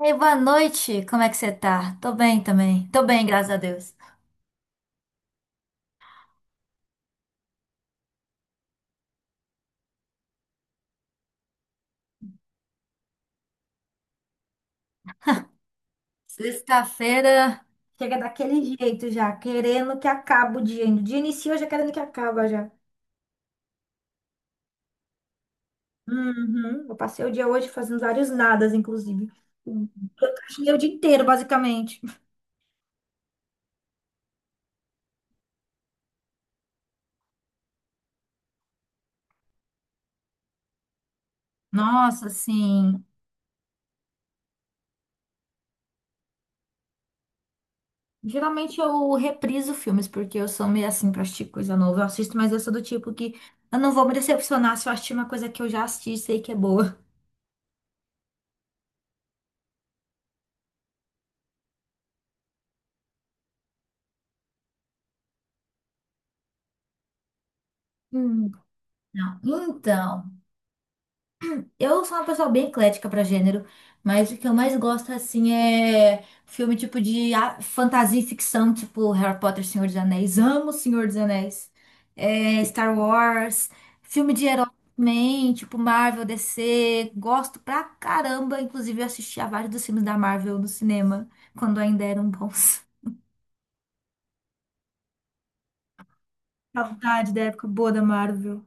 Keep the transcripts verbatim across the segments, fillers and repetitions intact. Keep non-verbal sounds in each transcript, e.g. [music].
Ei, boa noite. Como é que você tá? Tô bem também. Tô bem, graças a Deus. Sexta-feira chega daquele jeito já, querendo que acabe o dia. O dia iniciou já querendo que acaba já. Uhum. Eu passei o dia hoje fazendo vários nadas, inclusive. Eu procrastinei o dia inteiro, basicamente. Nossa, assim. Geralmente eu repriso filmes, porque eu sou meio assim pra assistir coisa nova. Eu assisto, mas eu sou do tipo que eu não vou me decepcionar se eu assistir uma coisa que eu já assisti e sei que é boa. Hum, não. Então. Eu sou uma pessoa bem eclética pra gênero, mas o que eu mais gosto, assim, é filme tipo de a- fantasia e ficção, tipo Harry Potter, Senhor dos Anéis. Amo Senhor dos Anéis. É, Star Wars, filme de herói também, tipo Marvel, D C. Gosto pra caramba. Inclusive, eu assisti a vários dos filmes da Marvel no cinema, quando ainda eram bons. [laughs] Saudade da época boa da Marvel.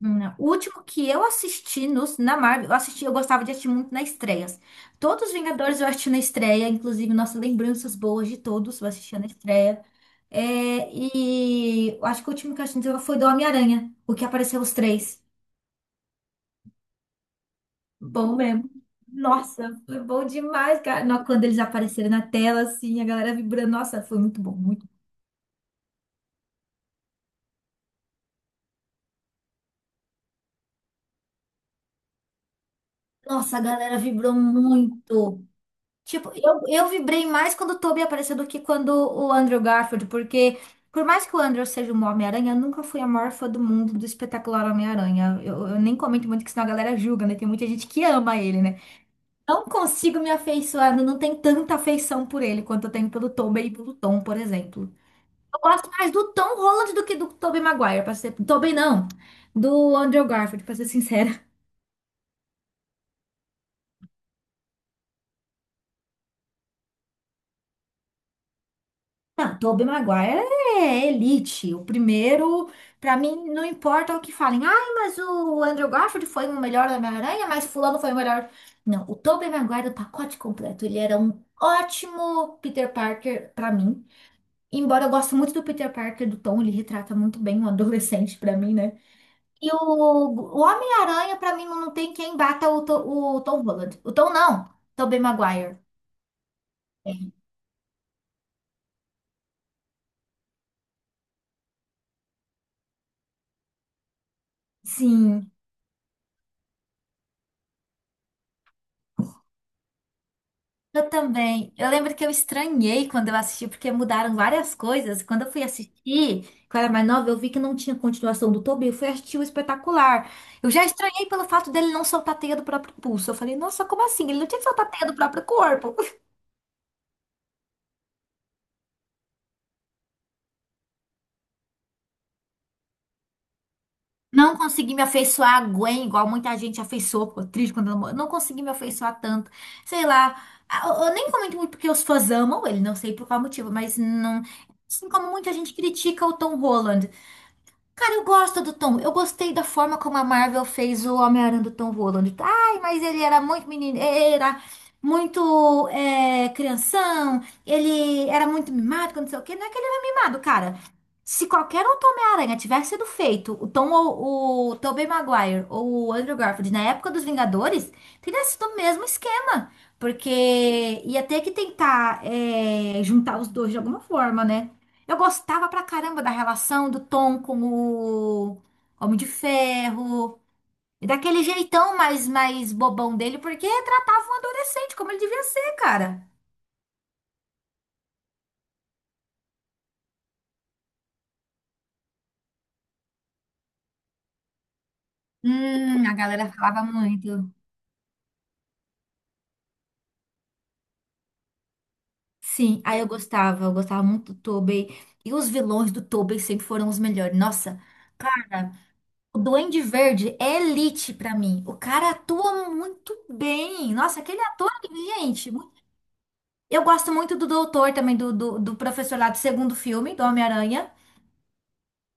Não. O último que eu assisti nos na Marvel, eu assisti, eu gostava de assistir muito nas estreias. Todos os Vingadores eu assisti na estreia, inclusive, nossa, lembranças boas de todos, eu assistia na estreia. É, e eu acho que o último que eu assisti foi do Homem-Aranha, o que apareceu os três. Bom mesmo. Nossa, foi bom demais, cara. Não. Quando eles apareceram na tela, assim, a galera vibrando. Nossa, foi muito bom, muito. Nossa, a galera vibrou muito. Tipo, eu, eu vibrei mais quando o Tobey apareceu do que quando o Andrew Garfield, porque por mais que o Andrew seja um Homem-Aranha, eu nunca fui a maior fã do mundo do espetacular Homem-Aranha. Eu, eu nem comento muito, que senão a galera julga, né? Tem muita gente que ama ele, né? Não consigo me afeiçoar, não não tenho tanta afeição por ele quanto eu tenho pelo Tobey e pelo Tom, por exemplo. Eu gosto mais do Tom Holland do que do Tobey Maguire, pra ser... Tobey não, do Andrew Garfield, pra ser sincera. Não, Tobey Maguire é elite. O primeiro, pra mim, não importa o que falem. Ai, mas o Andrew Garfield foi o melhor da Homem-Aranha, mas fulano foi o melhor. Não, o Tobey Maguire é o pacote completo. Ele era um ótimo Peter Parker pra mim. Embora eu goste muito do Peter Parker, do Tom, ele retrata muito bem um adolescente pra mim, né? E o, o Homem-Aranha, pra mim, não tem quem bata o, To- o Tom Holland. O Tom não, Tobey Maguire. É. Sim. Eu também. Eu lembro que eu estranhei quando eu assisti, porque mudaram várias coisas. Quando eu fui assistir, que eu era mais nova, eu vi que não tinha continuação do Toby. Eu fui assistir o Espetacular. Eu já estranhei pelo fato dele não soltar a teia do próprio pulso. Eu falei, nossa, como assim? Ele não tinha que soltar a teia do próprio corpo. [laughs] Não consegui me afeiçoar a Gwen, igual muita gente afeiçoou, ficou triste quando ela morreu. Não consegui me afeiçoar tanto. Sei lá. Ah, Eu eu nem comento muito porque os fãs amam ele, não sei por qual motivo, mas não. Assim como muita gente critica o Tom Holland. Cara, eu gosto do Tom. Eu gostei da forma como a Marvel fez o Homem-Aranha do Tom Holland. Ai, mas ele era muito menino, era muito é, crianção, ele era muito mimado, que não sei o quê. Não é que ele era mimado, cara. Se qualquer outro Homem-Aranha tivesse sido feito, o Tom, o, o Tobey Maguire ou o Andrew Garfield na época dos Vingadores, teria sido o mesmo esquema. Porque ia ter que tentar é, juntar os dois de alguma forma, né? Eu gostava pra caramba da relação do Tom com o Homem de Ferro. E daquele jeitão mais, mais bobão dele, porque tratava um adolescente como ele devia ser, cara. Hum, a galera falava muito. Sim, aí eu gostava, eu gostava muito do Tobey. E os vilões do Tobey sempre foram os melhores. Nossa, cara, o Duende Verde é elite pra mim. O cara atua muito bem. Nossa, aquele ator, gente, eu gosto muito do Doutor também, do, do, do professor lá do segundo filme, do Homem-Aranha.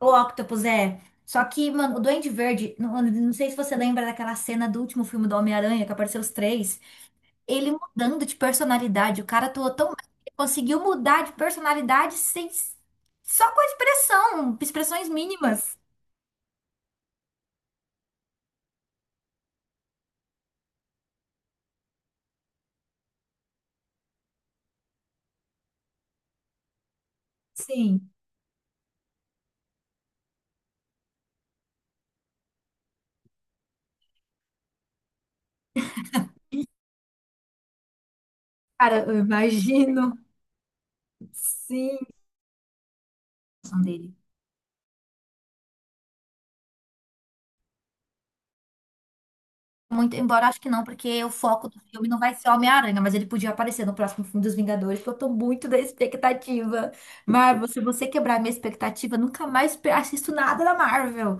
O Octopus é. Só que, mano, o Duende Verde, não, não sei se você lembra daquela cena do último filme do Homem-Aranha, que apareceu os três. Ele mudando de personalidade. O cara atuou tão bem. Ele conseguiu mudar de personalidade sem. Só com expressão, expressões mínimas. Sim. Cara, eu imagino. Sim. A expressão dele. Muito, embora acho que não, porque o foco do filme não vai ser Homem-Aranha, mas ele podia aparecer no próximo filme dos Vingadores, porque eu tô muito da expectativa. Marvel, se você quebrar a minha expectativa, nunca mais pe- assisto nada da Marvel.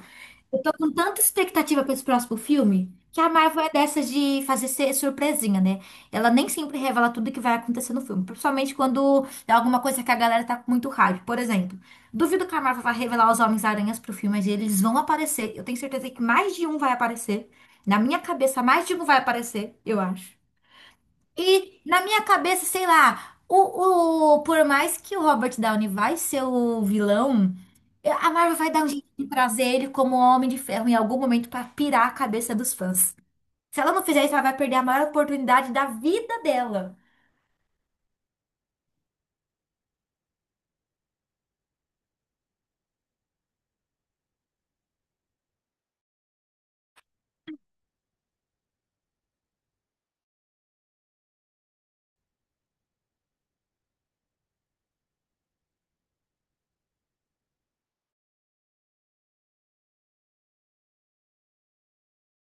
Eu tô com tanta expectativa pra esse próximo filme que a Marvel é dessas de fazer ser surpresinha, né? Ela nem sempre revela tudo que vai acontecer no filme, principalmente quando é alguma coisa que a galera tá com muito hype. Por exemplo, duvido que a Marvel vai revelar os Homens-Aranhas pro filme, mas eles vão aparecer. Eu tenho certeza que mais de um vai aparecer. Na minha cabeça, mais de um vai aparecer, eu acho. E na minha cabeça, sei lá, o, o, por mais que o Robert Downey vai ser o vilão, a Marvel vai dar um jeito de trazer ele como Homem de Ferro em algum momento pra pirar a cabeça dos fãs. Se ela não fizer isso, ela vai perder a maior oportunidade da vida dela.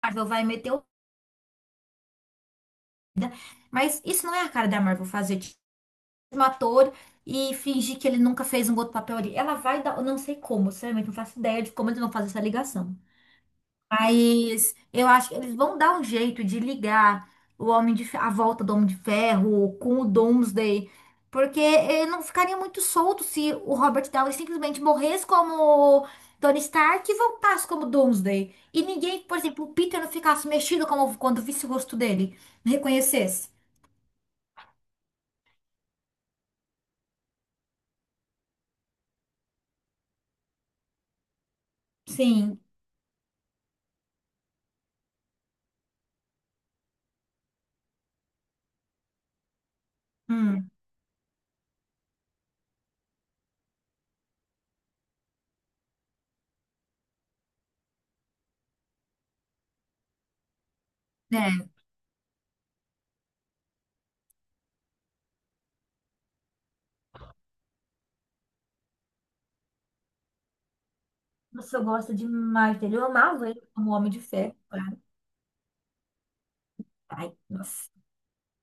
A Marvel vai meter o... Mas isso não é a cara da Marvel fazer tipo, um ator e fingir que ele nunca fez um outro papel ali. Ela vai dar, eu não sei como, sinceramente, não faço ideia de como eles vão fazer essa ligação. Mas eu acho que eles vão dar um jeito de ligar o Homem de, Fe- a volta do Homem de Ferro com o Doomsday, porque ele não ficaria muito solto se o Robert Downey simplesmente morresse como Tony Stark e voltasse como Doomsday. E ninguém, por exemplo, o Peter não ficasse mexido como quando visse o rosto dele, não reconhecesse. Sim. Hum, é. Nossa, eu gosto demais dele. Eu amava ele como Homem de Ferro, cara. Ai, nossa.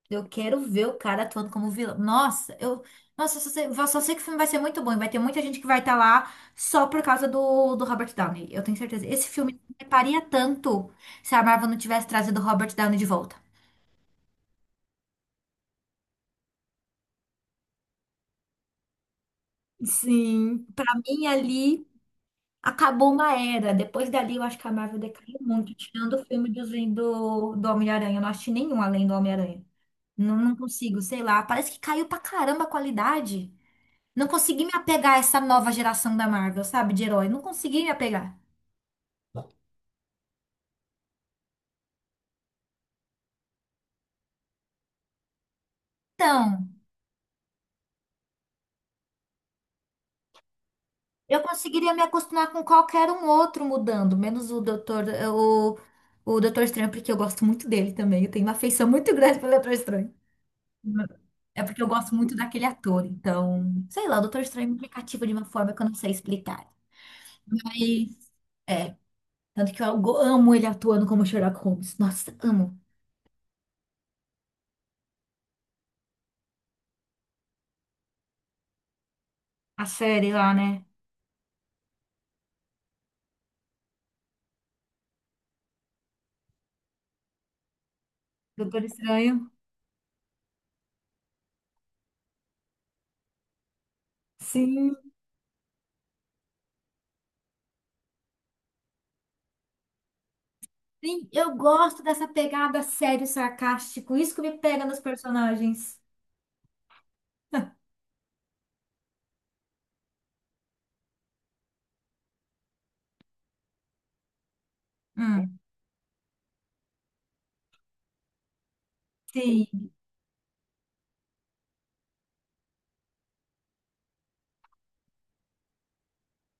Eu quero ver o cara atuando como vilão. Nossa, eu, nossa, eu só sei, eu só sei que o filme vai ser muito bom. E vai ter muita gente que vai estar lá só por causa do, do Robert Downey. Eu tenho certeza. Esse filme não reparia tanto se a Marvel não tivesse trazido o Robert Downey de volta. Sim. Pra mim, ali acabou uma era. Depois dali, eu acho que a Marvel decaiu muito, tirando o filme dos- do, do Homem-Aranha. Eu não assisti nenhum além do Homem-Aranha. Não, não consigo, sei lá. Parece que caiu pra caramba a qualidade. Não consegui me apegar a essa nova geração da Marvel, sabe, de herói. Não consegui me apegar. Então, eu conseguiria me acostumar com qualquer um outro mudando, menos o Doutor, o, o Doutor Estranho, porque eu gosto muito dele também. Eu tenho uma afeição muito grande pelo Doutor Estranho. É porque eu gosto muito daquele ator. Então, sei lá, o Doutor Estranho me cativa de uma forma que eu não sei explicar. Aí, tanto que eu go- amo ele atuando como Sherlock Holmes. Nossa, amo. A série lá, né? Doutor Estranho. Sim. Sim, eu gosto dessa pegada sério, sarcástico. Isso que me pega nos personagens. Hum. Sim.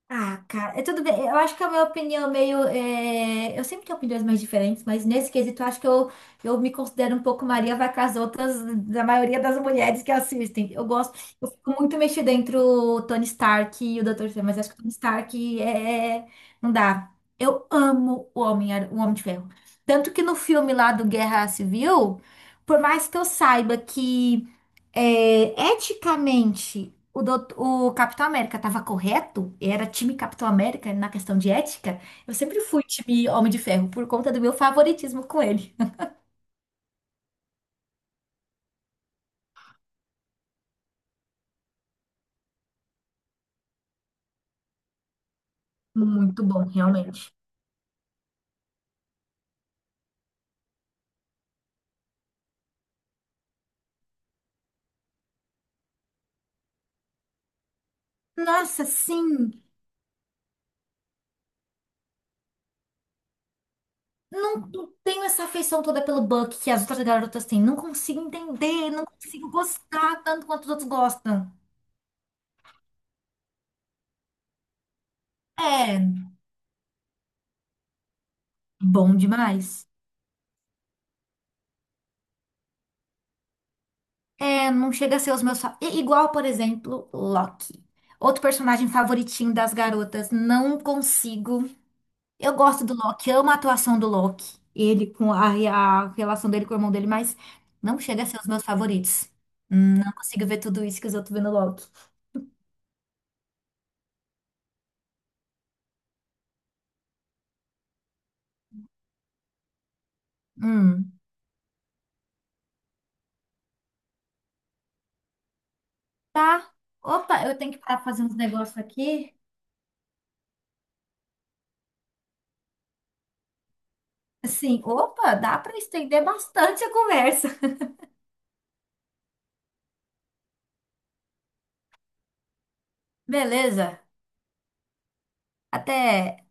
Ah, cara, é tudo bem. Eu acho que a minha opinião é meio. é, eu sempre tenho opiniões mais diferentes, mas nesse quesito eu acho que eu, eu me considero um pouco Maria vai com as outras, da maioria das mulheres que assistem. Eu gosto, eu fico muito mexida entre o Tony Stark e o doutor Estranho, mas acho que o Tony Stark é. Não dá. Eu amo o Homem, o Homem de Ferro. Tanto que no filme lá do Guerra Civil, por mais que eu saiba que. É, eticamente, o, doutor- o Capitão América estava correto? Era time Capitão América na questão de ética? Eu sempre fui time Homem de Ferro por conta do meu favoritismo com ele. Muito bom, realmente. Nossa, sim. Não não tenho essa afeição toda pelo Buck que as outras garotas têm. Não consigo entender, não consigo gostar tanto quanto os outros gostam. É bom demais. É, não chega a ser os meus. fa- I- Igual, por exemplo, Loki. Outro personagem favoritinho das garotas. Não consigo. Eu gosto do Loki, amo a atuação do Loki. Ele com a, a relação dele com o irmão dele, mas não chega a ser os meus favoritos. Hum, Não consigo ver tudo isso que os outros vê no Loki. Hum, tá. Opa, eu tenho que parar pra fazer uns negócios aqui. Assim, opa, dá pra estender bastante a conversa. [laughs] Beleza. Até.